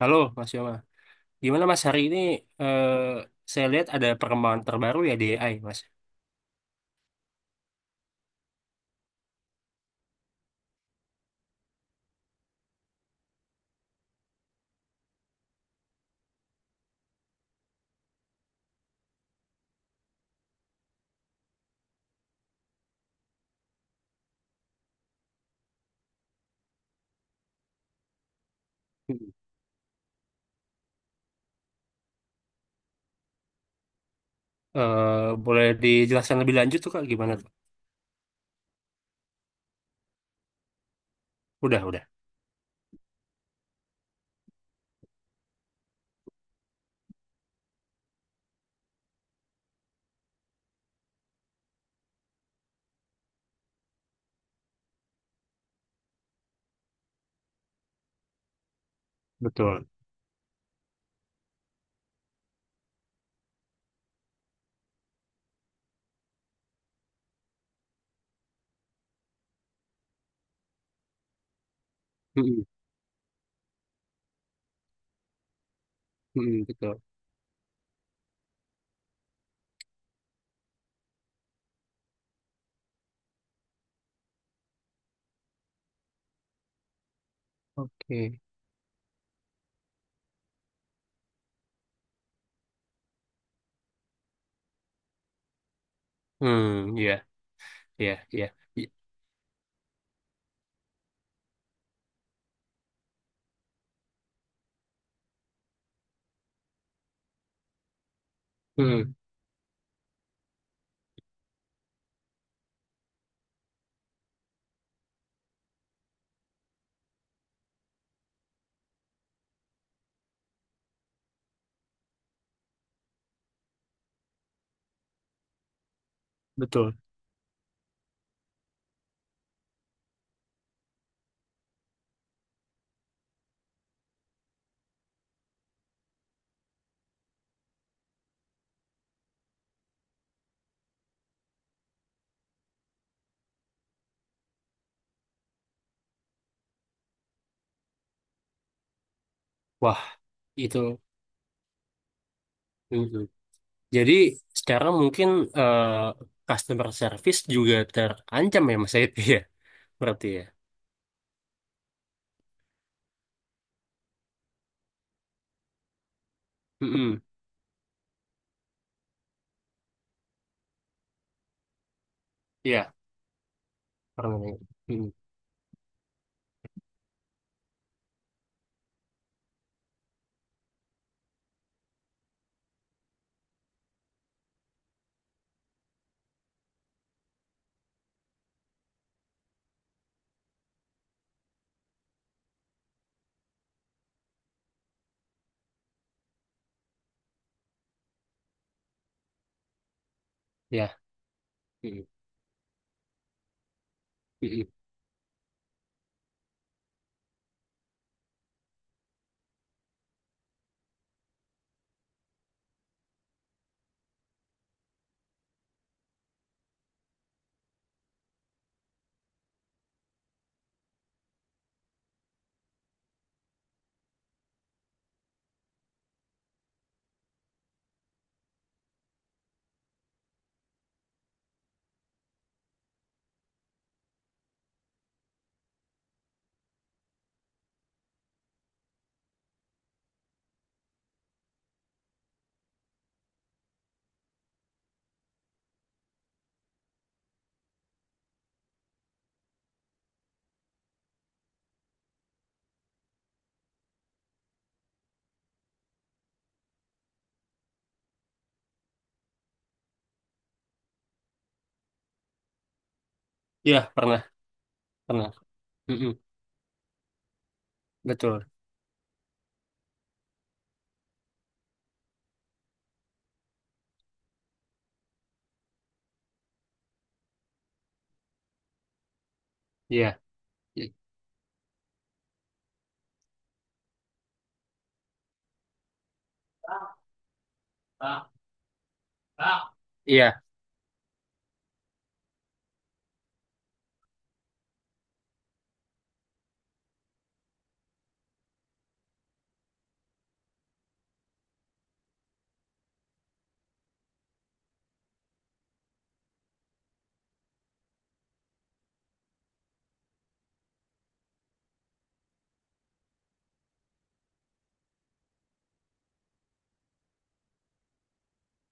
Halo Mas Yoma, gimana Mas hari ini? eh, saya lihat ada perkembangan terbaru ya di AI Mas. Mm. Boleh dijelaskan lebih lanjut tuh Kak gimana tuh? Udah. Betul. Mm-mm. Mm-mm, betul. Oke. Hmm, ya, ya, ya. I- Hmm, betul. Wah, itu. Mm-mm. Jadi sekarang mungkin eh, customer service juga terancam ya Mas itu ya. Iya, berarti ya. Mm-mm. Ya, pernah. Mm-mm. Ya, mm-mm. Mm-mm. Ya, pernah. Pernah. Mm-mm, betul. Iya. I- Iya.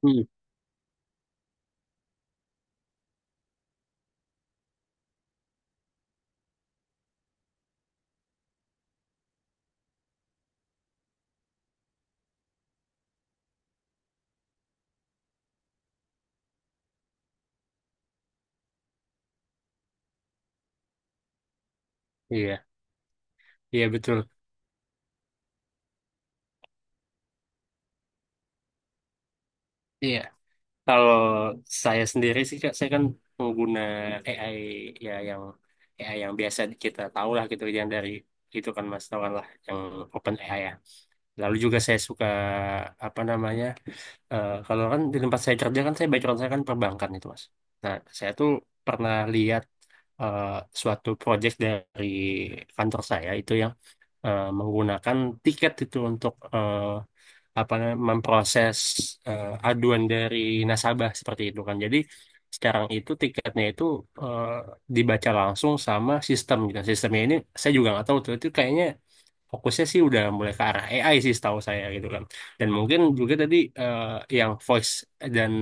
Mm, iya. Iya, betul. Iya. Kalau saya sendiri sih, Kak, saya kan pengguna AI ya, yang AI yang biasa kita tahu lah gitu, yang dari itu kan Mas tahu kan lah, yang open AI ya. Lalu juga saya suka apa namanya? Kalau kan di tempat saya kerja kan, saya background saya kan perbankan itu, Mas. Nah, saya tuh pernah lihat eh, suatu project dari kantor saya itu yang menggunakan tiket itu untuk apa namanya, memproses aduan dari nasabah seperti itu kan. Jadi sekarang itu tiketnya itu eh, dibaca langsung sama sistem gitu. Sistemnya ini saya juga nggak tahu tuh, itu kayaknya fokusnya sih udah mulai ke arah AI sih setahu saya gitu kan. Dan mungkin juga tadi yang voice dan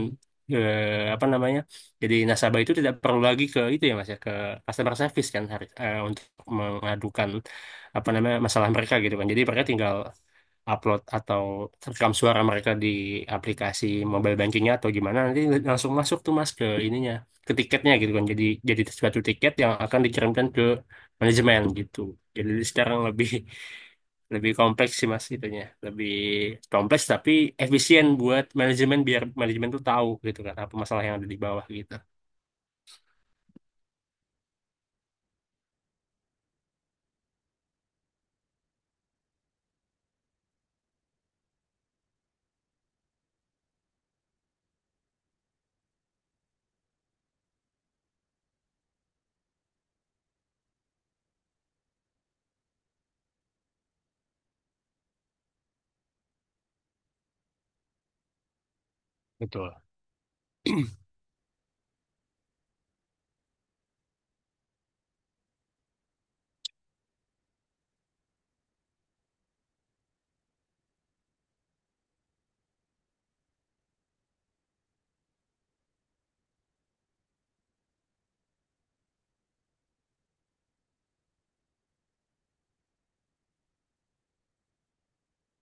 apa namanya? Jadi nasabah itu tidak perlu lagi ke itu ya Mas ya, ke customer service kan harus untuk mengadukan apa namanya masalah mereka gitu kan. Jadi mereka tinggal upload atau rekam suara mereka di aplikasi mobile bankingnya atau gimana, nanti langsung masuk tuh Mas ke ininya, ke tiketnya gitu kan. Jadi suatu tiket yang akan dikirimkan ke manajemen gitu. Jadi sekarang lebih lebih kompleks sih mas itunya, lebih kompleks tapi efisien buat manajemen, biar manajemen tuh tahu gitu kan apa masalah yang ada di bawah gitu. Betul.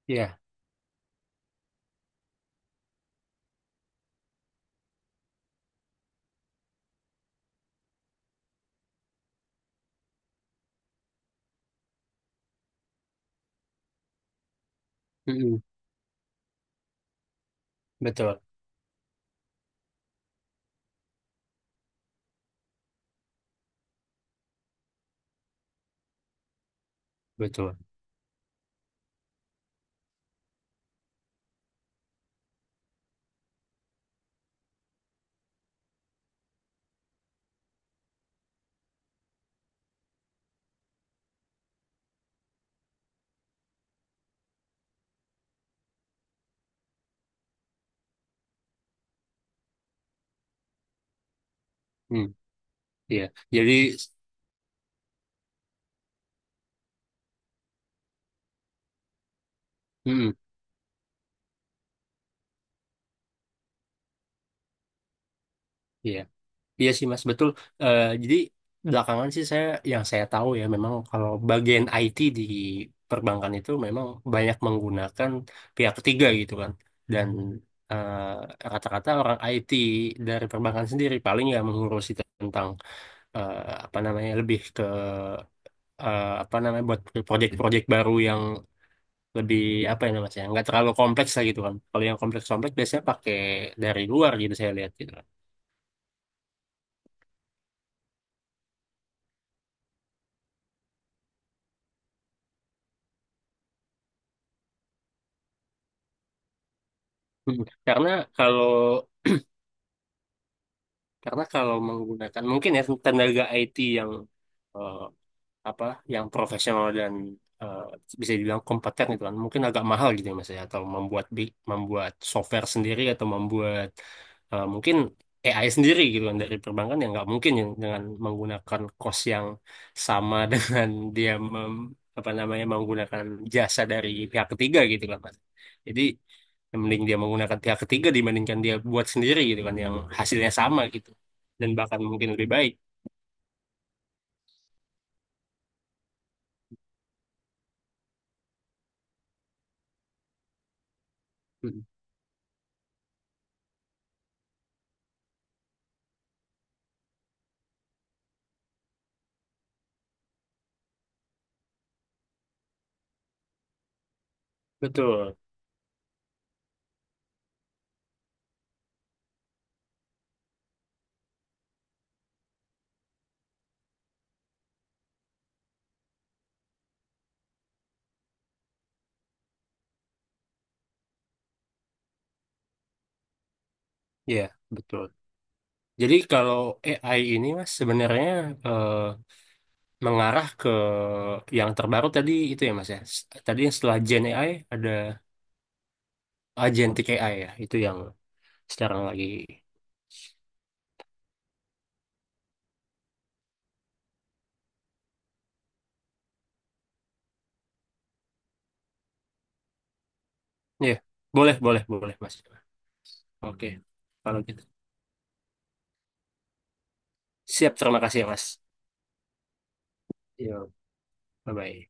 Iya. Mm-mm. Betul. Betul. Mm. Iya. Jadi, mm-mm. Iya. Iya sih Mas, betul. Jadi belakangan sih saya, yang saya tahu ya memang kalau bagian IT di perbankan itu memang banyak menggunakan pihak ketiga gitu kan. Dan eh, kata-kata orang IT dari perbankan sendiri paling ya mengurusi tentang eh, apa namanya, lebih ke apa namanya, buat proyek-proyek baru yang lebih apa ya namanya ya, nggak terlalu kompleks lah gitu kan. Kalau yang kompleks-kompleks biasanya pakai dari luar gitu saya lihat gitu kan. Hmm. Kalau Karena kalau menggunakan mungkin ya tenaga IT yang eh, apa yang profesional dan eh, bisa dibilang kompeten gitu kan, mungkin agak mahal gitu ya mas ya, atau membuat bi- membuat software sendiri atau membuat mungkin AI sendiri gitu kan dari perbankan, yang nggak mungkin yang dengan menggunakan cost yang sama dengan dia mem, apa namanya, menggunakan jasa dari pihak ketiga gitu kan mas. Jadi ya mending dia menggunakan pihak ketiga dibandingkan dia buat sendiri gitu kan, yang hasilnya sama gitu dan bahkan mungkin lebih baik. Mm. Betul ya, betul. Jadi kalau AI ini mas sebenarnya eh, mengarah ke yang terbaru tadi itu ya mas ya. S- Tadi yang setelah Gen AI ada Agentic AI ya, itu yang sekarang lagi. Ya boleh boleh boleh mas. Oke kalau gitu siap, terima kasih ya mas. Yo bye bye.